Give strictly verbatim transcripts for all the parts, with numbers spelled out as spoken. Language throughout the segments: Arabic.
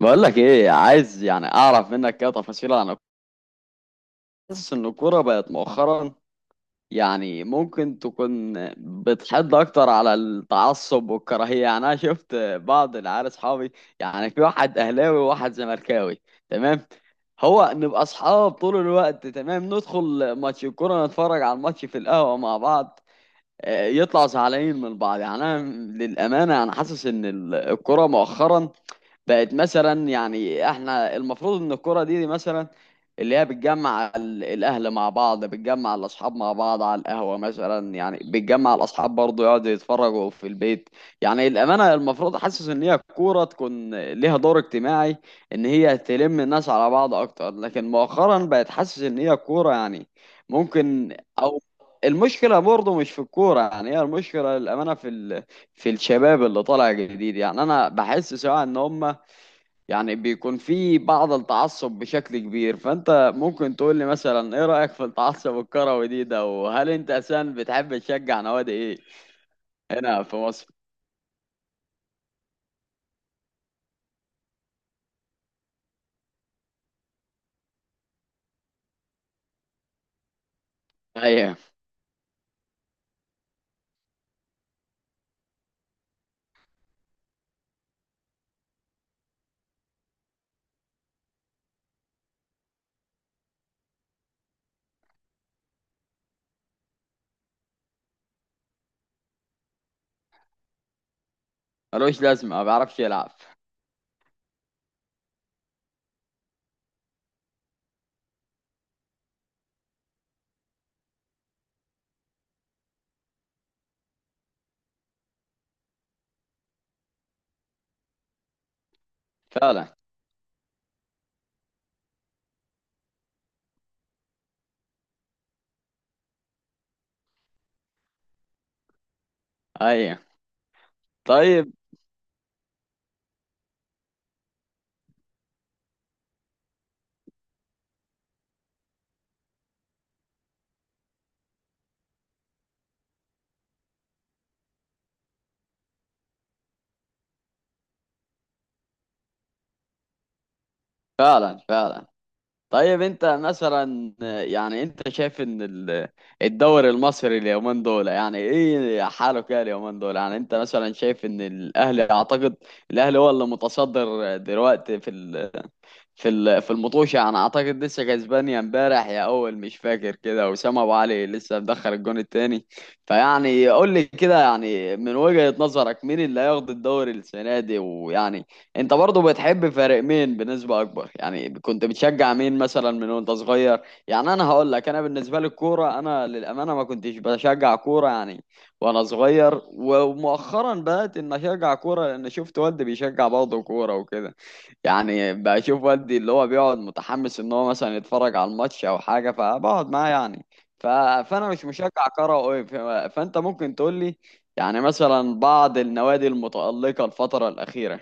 بقول لك ايه، عايز يعني اعرف منك كده تفاصيل عن. حاسس ان الكوره بقت مؤخرا يعني ممكن تكون بتحد اكتر على التعصب والكراهيه. يعني انا شفت بعض العيال اصحابي، يعني في واحد اهلاوي وواحد زملكاوي، تمام. هو نبقى اصحاب طول الوقت، تمام، ندخل ماتش الكوره، نتفرج على الماتش في القهوه مع بعض. آه، يطلعوا زعلانين من بعض، يعني انا للامانه انا حاسس ان الكوره مؤخرا بقت مثلا. يعني احنا المفروض ان الكرة دي, دي مثلا اللي هي بتجمع ال- الاهل مع بعض، بتجمع الاصحاب مع بعض على القهوة مثلا، يعني بتجمع الاصحاب برضه يقعدوا يتفرجوا في البيت. يعني الامانة المفروض حاسس ان هي الكورة تكون ليها دور اجتماعي، ان هي تلم الناس على بعض اكتر. لكن مؤخرا بقت حاسس ان هي الكورة يعني ممكن او المشكلة برضه مش في الكورة. يعني هي المشكلة للأمانة في ال... في الشباب اللي طالع جديد. يعني أنا بحس سواء إن هم يعني بيكون في بعض التعصب بشكل كبير. فانت ممكن تقول لي مثلا ايه رأيك في التعصب الكروي دي ده، وهل انت اساسا بتحب تشجع نوادي ايه هنا في مصر؟ ايوه. ملوش لازمة ما بيعرفش يلعب. فعلا. ايوه. طيب. فعلا فعلا. طيب انت مثلا يعني انت شايف ان ال- الدوري المصري اليومين دول يعني ايه حاله كده؟ اليومين دول يعني انت مثلا شايف ان الاهلي، اعتقد الاهلي هو اللي متصدر دلوقتي في في ال- في المطوشة. أنا أعتقد لسه كسبان يا امبارح يا أول مش فاكر كده. وسام أبو علي لسه مدخل الجون التاني. فيعني قول لي كده، يعني من وجهة نظرك مين اللي هياخد الدوري السنة دي، ويعني أنت برضه بتحب فريق مين بنسبة أكبر؟ يعني كنت بتشجع مين مثلا من وأنت صغير؟ يعني أنا هقول لك، أنا بالنسبة لي الكورة، أنا للأمانة ما كنتش بشجع كورة يعني وأنا صغير. ومؤخرا بدأت إن أشجع كورة لأن شفت والدي بيشجع برضه كورة وكده. يعني بشوف والدي اللي هو بيقعد متحمس ان هو مثلا يتفرج على الماتش او حاجه فبقعد معاه يعني. ف... فانا مش مشجع كروي أوي، ف... فانت ممكن تقول لي يعني مثلا بعض النوادي المتالقه الفتره الاخيره.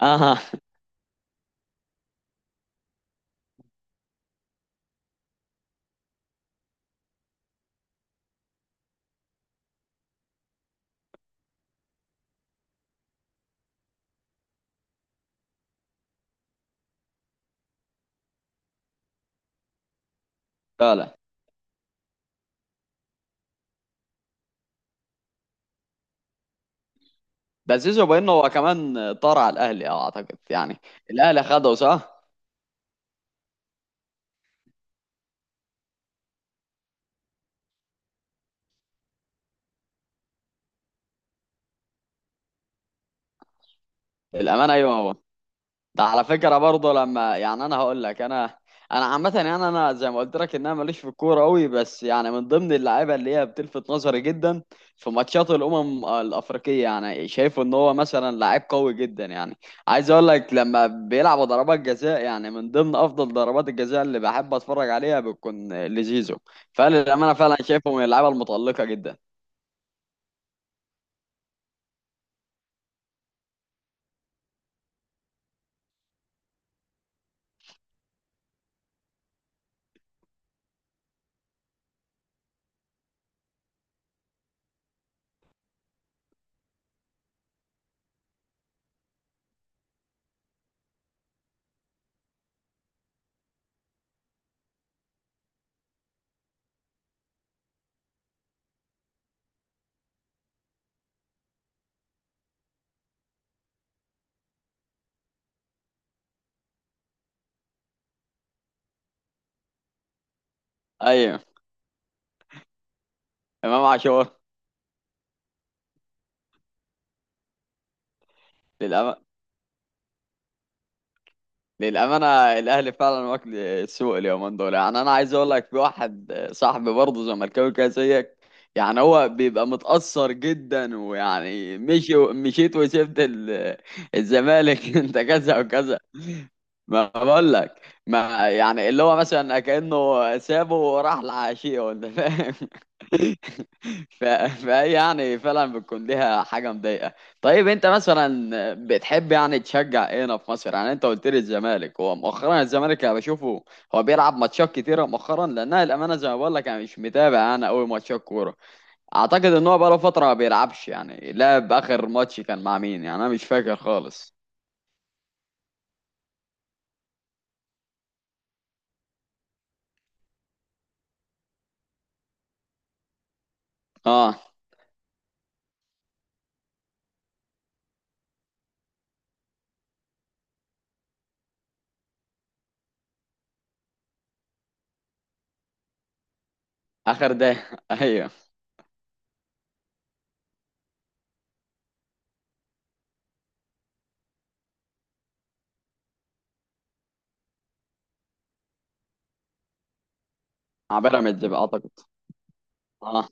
اه. فعلا. ده زيزو بانه هو كمان طار على الاهلي أو اعتقد يعني. الاهلي خده، صح؟ الامانه ايوه هو. ده على فكرة برضه لما يعني انا هقول لك، انا انا عامة يعني انا زي ما قلت لك ان انا ماليش في الكورة قوي، بس يعني من ضمن اللعيبة اللي هي بتلفت نظري جدا في ماتشات الامم الافريقية. يعني شايفه ان هو مثلا لعيب قوي جدا. يعني عايز اقول لك، لما بيلعب ضربات جزاء، يعني من ضمن افضل ضربات الجزاء اللي بحب اتفرج عليها بتكون لزيزو. فللأمانة فعلا شايفه من اللعيبة المتألقة جدا. ايوه، امام عاشور. للأمانة للأمانة الأهلي فعلا واكل السوق اليومين دول. يعني أنا عايز أقول لك، في واحد صاحبي برضه زملكاوي كده زيك، يعني هو بيبقى متأثر جدا، ويعني مشي مشيت وسبت ال- الزمالك أنت كذا وكذا. ما بقول لك، ما يعني اللي هو مثلا كأنه سابه وراح لعشية، ولا فاهم؟ ف... فهي يعني فعلا بتكون ليها حاجة مضايقة. طيب انت مثلا بتحب يعني تشجع ايه هنا في مصر؟ يعني انت قلت لي الزمالك. هو مؤخرا الزمالك انا بشوفه هو بيلعب ماتشات كتيرة مؤخرا، لانها الامانة زي ما بقول لك انا مش متابع انا قوي ماتشات كورة. اعتقد ان هو بقاله فترة ما بيلعبش. يعني لعب اخر ماتش كان مع مين؟ يعني انا مش فاكر خالص. اه، اخر ده ايوه. مع بيراميدز بقى اعتقد. اه.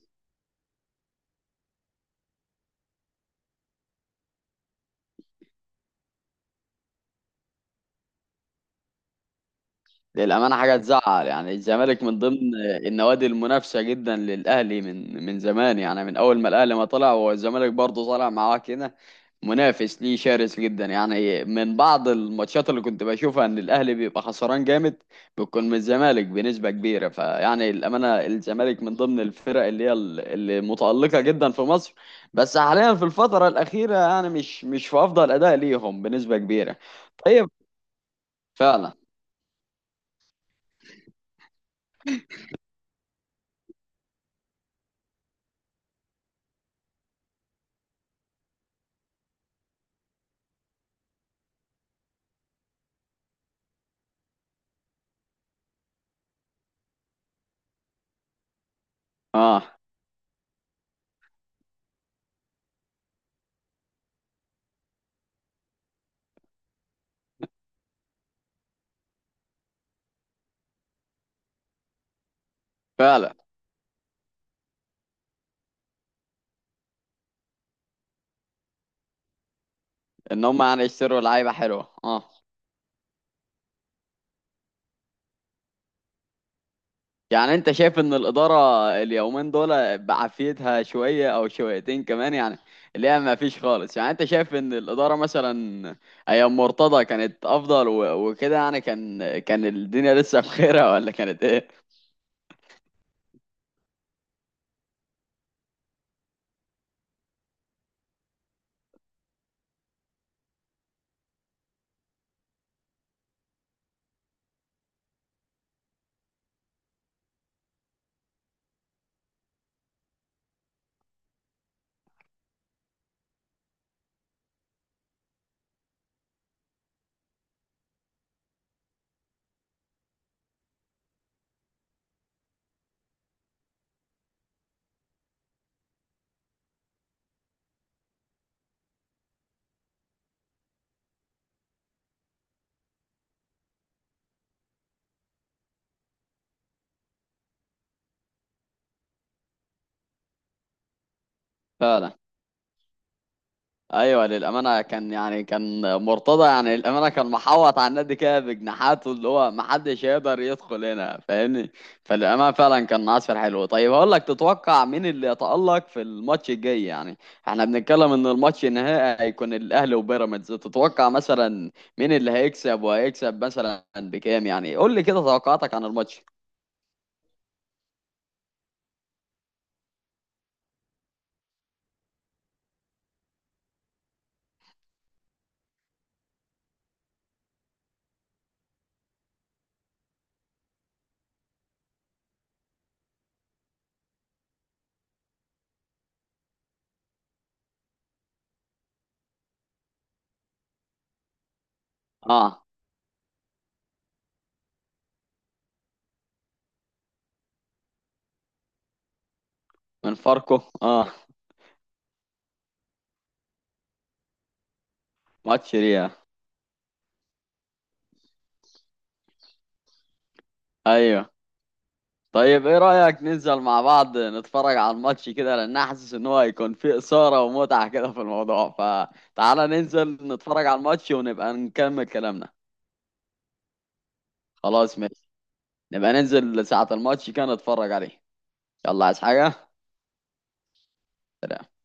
للأمانة، حاجة تزعل يعني. الزمالك من ضمن النوادي المنافسة جدا للأهلي من من زمان. يعني من أول ما الأهلي ما طلع والزمالك برضه طلع معاه كده منافس ليه شرس جدا. يعني من بعض الماتشات اللي كنت بشوفها إن الأهلي بيبقى خسران جامد بتكون من الزمالك بنسبة كبيرة. فيعني الأمانة الزمالك من ضمن الفرق اللي هي ال- اللي متألقة جدا في مصر. بس حاليا في الفترة الأخيرة يعني مش مش في أفضل أداء ليهم بنسبة كبيرة. طيب. فعلا. اه، فعلا. ان هم يعني يشتروا لعيبه حلوه، اه. يعني انت شايف ان الاداره اليومين دول بعافيتها شويه او شويتين كمان يعني، اللي هي ما فيش خالص؟ يعني انت شايف ان الاداره مثلا ايام مرتضى كانت افضل و- وكده؟ يعني كان كان الدنيا لسه بخيرها، ولا كانت ايه؟ فعلا. ايوه للامانه كان يعني كان مرتضى، يعني للامانه كان محوط على النادي كده بجناحاته اللي هو ما حدش يقدر يدخل هنا، فاهمني؟ فالامانه فعلا كان عصفر حلو. طيب هقول لك، تتوقع مين اللي يتالق في الماتش الجاي يعني؟ احنا بنتكلم ان الماتش النهائي هيكون الاهلي وبيراميدز. تتوقع مثلا مين اللي هيكسب، وهيكسب مثلا بكام؟ يعني قول لي كده توقعاتك عن الماتش. اه، من فاركو. اه، ماتش ريال. ايوه. طيب، ايه رأيك ننزل مع بعض نتفرج على الماتش كده؟ لان انا حاسس ان هو هيكون فيه إثارة ومتعة كده في الموضوع. فتعالى ننزل نتفرج على الماتش، ونبقى نكمل كلامنا. خلاص ماشي. نبقى ننزل ساعة الماتش كده نتفرج عليه. يلا، عايز حاجة؟ سلام.